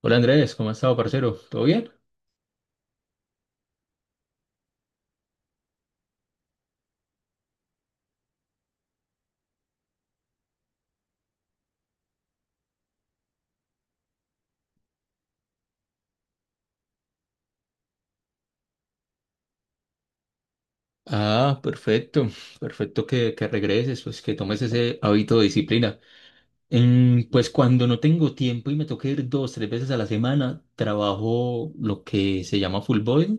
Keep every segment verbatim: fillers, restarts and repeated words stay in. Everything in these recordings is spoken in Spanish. Hola Andrés, ¿cómo has estado, parcero? ¿Todo bien? Ah, perfecto, perfecto que, que regreses, pues que tomes ese hábito de disciplina. Em, pues cuando no tengo tiempo y me toca ir dos, tres veces a la semana, trabajo lo que se llama full body.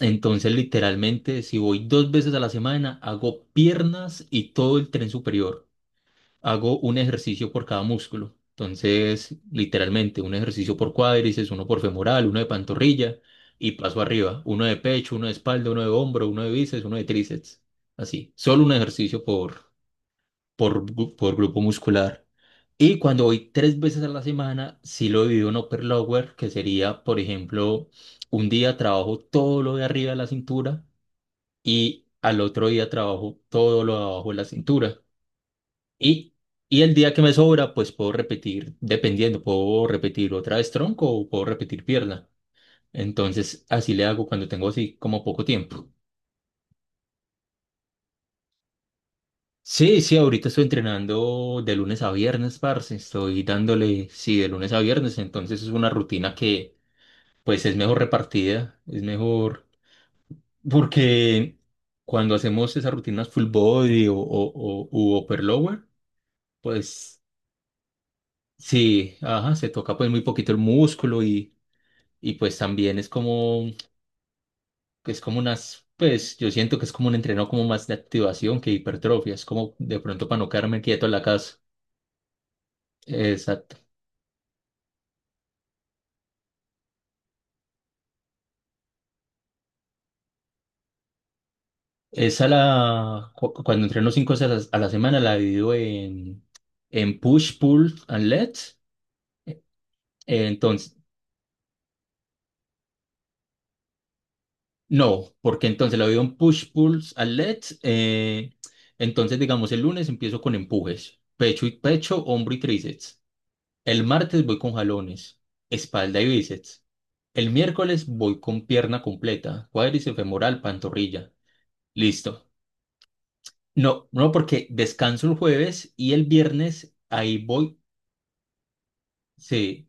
Entonces, literalmente, si voy dos veces a la semana, hago piernas y todo el tren superior. Hago un ejercicio por cada músculo. Entonces, literalmente, un ejercicio por cuádriceps, uno por femoral, uno de pantorrilla y paso arriba. Uno de pecho, uno de espalda, uno de hombro, uno de bíceps, uno de tríceps. Así. Solo un ejercicio por, por, gru- por grupo muscular. Y cuando voy tres veces a la semana, sí lo divido en upper lower, que sería, por ejemplo, un día trabajo todo lo de arriba de la cintura y al otro día trabajo todo lo de abajo de la cintura. Y, y el día que me sobra, pues puedo repetir, dependiendo, puedo repetir otra vez tronco o puedo repetir pierna. Entonces, así le hago cuando tengo así como poco tiempo. Sí, sí, ahorita estoy entrenando de lunes a viernes, parce. Estoy dándole, sí, de lunes a viernes. Entonces es una rutina que, pues, es mejor repartida, es mejor. Porque cuando hacemos esas rutinas full body o, o, o u upper lower, pues, sí, ajá, se toca pues muy poquito el músculo y Y pues también es como, es como unas, pues yo siento que es como un entreno como más de activación que hipertrofia, es como de pronto para no quedarme quieto en la casa. Exacto. Esa la, cu- cuando entreno cinco veces a la a la semana la divido en, en push, pull and let. Eh, entonces, no, porque entonces la divido en push, pull and let. Eh, entonces, digamos, el lunes empiezo con empujes, pecho y pecho, hombro y tríceps. El martes voy con jalones, espalda y bíceps. El miércoles voy con pierna completa, cuádriceps femoral, pantorrilla. Listo. No, no, porque descanso el jueves y el viernes ahí voy. Sí,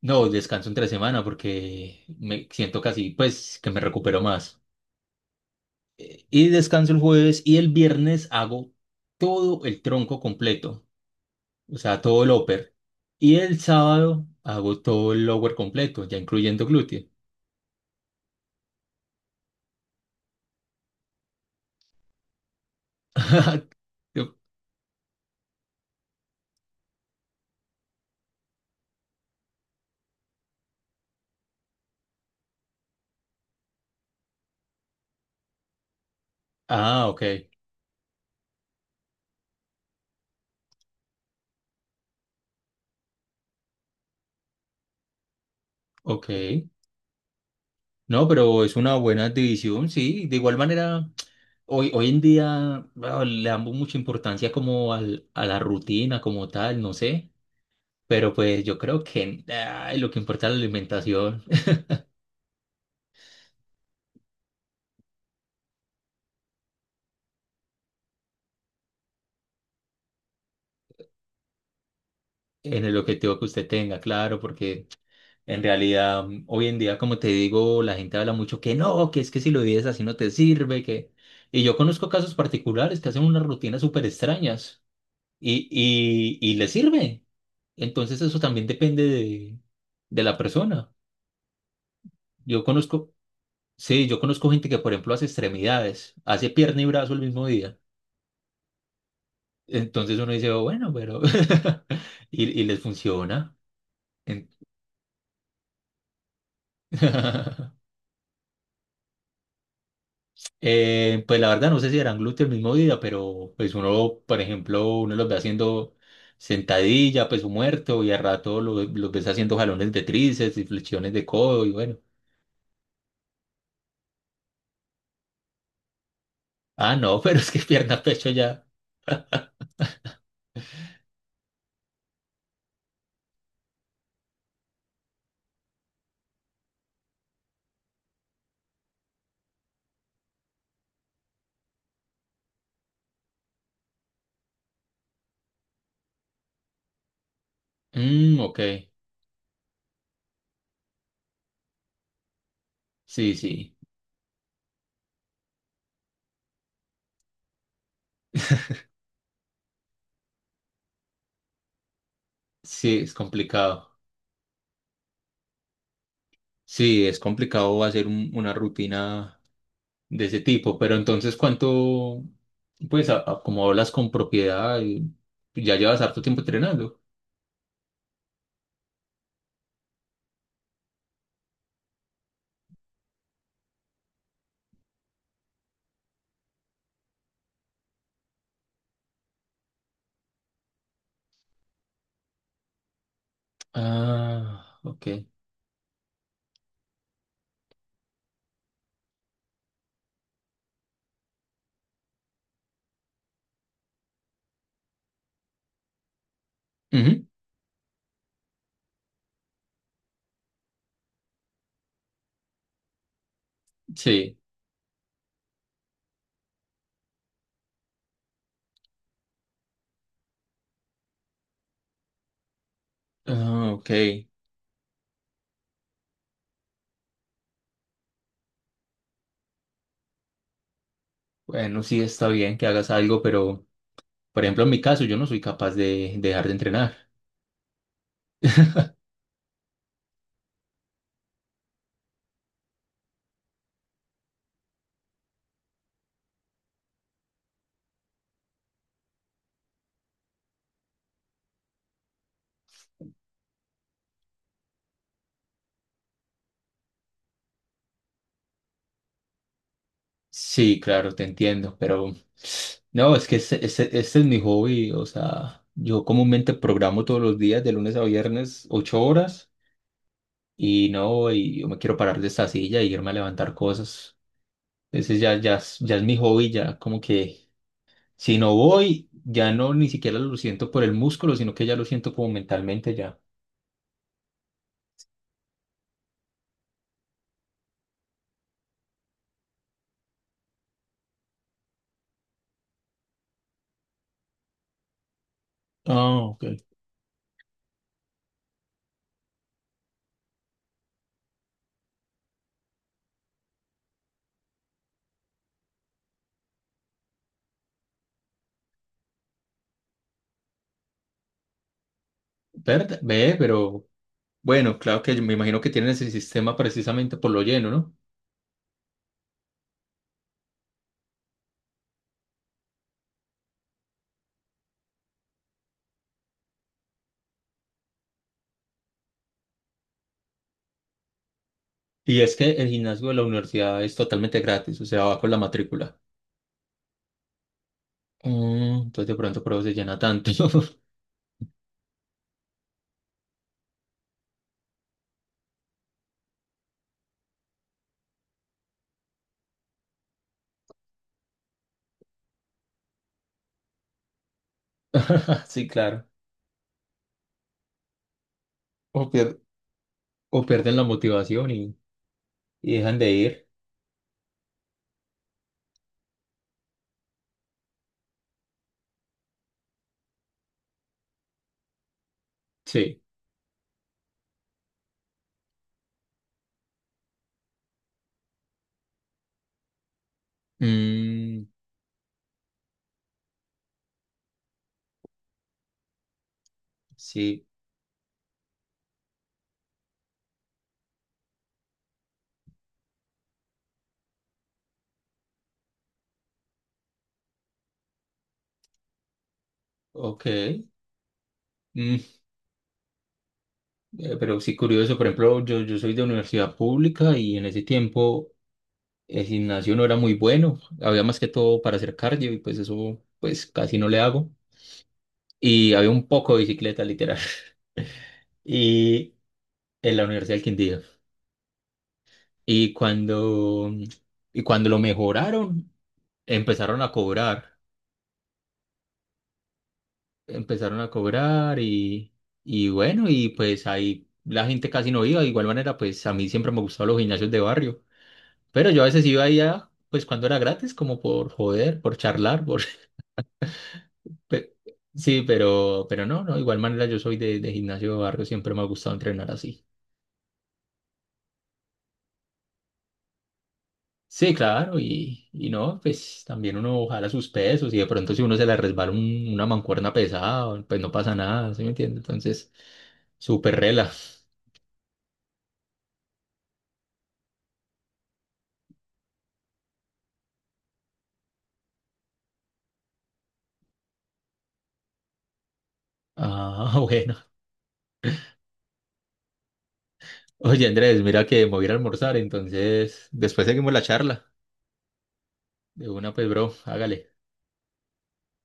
no, descanso entre semana porque me siento casi, pues, que me recupero más. Eh, Y descanso el jueves y el viernes hago todo el tronco completo, o sea, todo el upper. Y el sábado hago todo el lower completo, ya incluyendo glúteo. Yo- Ah, ok, ok. No, pero es una buena división, sí. De igual manera, hoy, hoy en día bueno, le damos mucha importancia como al, a la rutina como tal, no sé. Pero pues yo creo que ay, lo que importa es la alimentación en el objetivo que usted tenga, claro, porque en realidad mm, hoy en día, como te digo, la gente habla mucho que no, que es que si lo vives así no te sirve, que... Y yo conozco casos particulares que hacen unas rutinas súper extrañas. y, y, y le sirve. Entonces eso también depende de, de la persona. Yo conozco, sí, yo conozco gente que, por ejemplo, hace extremidades, hace pierna y brazo el mismo día. Entonces uno dice, "Oh, bueno, pero... y, y les funciona. En- Eh, pues la verdad no sé si harán glúteo el mismo día, pero pues uno, por ejemplo, uno los ve haciendo sentadilla, peso muerto, y a rato lo- los ves haciendo jalones de tríceps y flexiones de codo, y bueno. Ah, no, pero es que pierna, pecho ya. Mm, ok. Sí, sí. Sí, es complicado. Sí, es complicado hacer un- una rutina de ese tipo, pero entonces, ¿cuánto, pues, a- a- como hablas con propiedad, y ya llevas harto tiempo entrenando? Ah, ok. Ujú, sí. Ah, ok. Bueno, sí está bien que hagas algo, pero, por ejemplo, en mi caso, yo no soy capaz de dejar de entrenar. Sí, claro, te entiendo, pero no, es que este, este, este es mi hobby, o sea, yo comúnmente programo todos los días de lunes a viernes ocho horas y no, y yo me quiero parar de esta silla y irme a levantar cosas. Ese ya, ya, es- ya es mi hobby, ya como que si no voy, ya no ni siquiera lo siento por el músculo, sino que ya lo siento como mentalmente ya. Ah, ok. ¿Verdad? Ve, pero bueno, claro que yo me imagino que tienen ese sistema precisamente por lo lleno, ¿no? Y es que el gimnasio de la universidad es totalmente gratis, o sea, va con la matrícula. Mm, entonces de pronto por eso se llena tanto. Sí, claro. O, pier- o pierden la motivación y, y dejan de ir. Sí. Mm, sí, ok. Mm, eh, pero sí, curioso, por ejemplo, yo, yo soy de universidad pública y en ese tiempo el gimnasio no era muy bueno. Había más que todo para hacer cardio y pues eso pues casi no le hago. Y había un poco de bicicleta, literal. Y en la Universidad del Quindío. Y cuando, y cuando lo mejoraron, empezaron a cobrar, empezaron a cobrar y, y bueno, y pues ahí la gente casi no iba. De igual manera, pues a mí siempre me gustaban los gimnasios de barrio, pero yo a veces iba allá, pues cuando era gratis, como por joder, por charlar, por... pe- Sí, pero, pero no, no, de igual manera yo soy de, de gimnasio de barrio, siempre me ha gustado entrenar así. Sí, claro, y, y no, pues también uno jala sus pesos y de pronto si uno se le resbala un- una mancuerna pesada, pues no pasa nada, ¿sí me entiende? Entonces, súper rela. Ah, bueno. Oye, Andrés, mira que me voy a ir a almorzar, entonces después seguimos la charla. De una, pues, bro, hágale.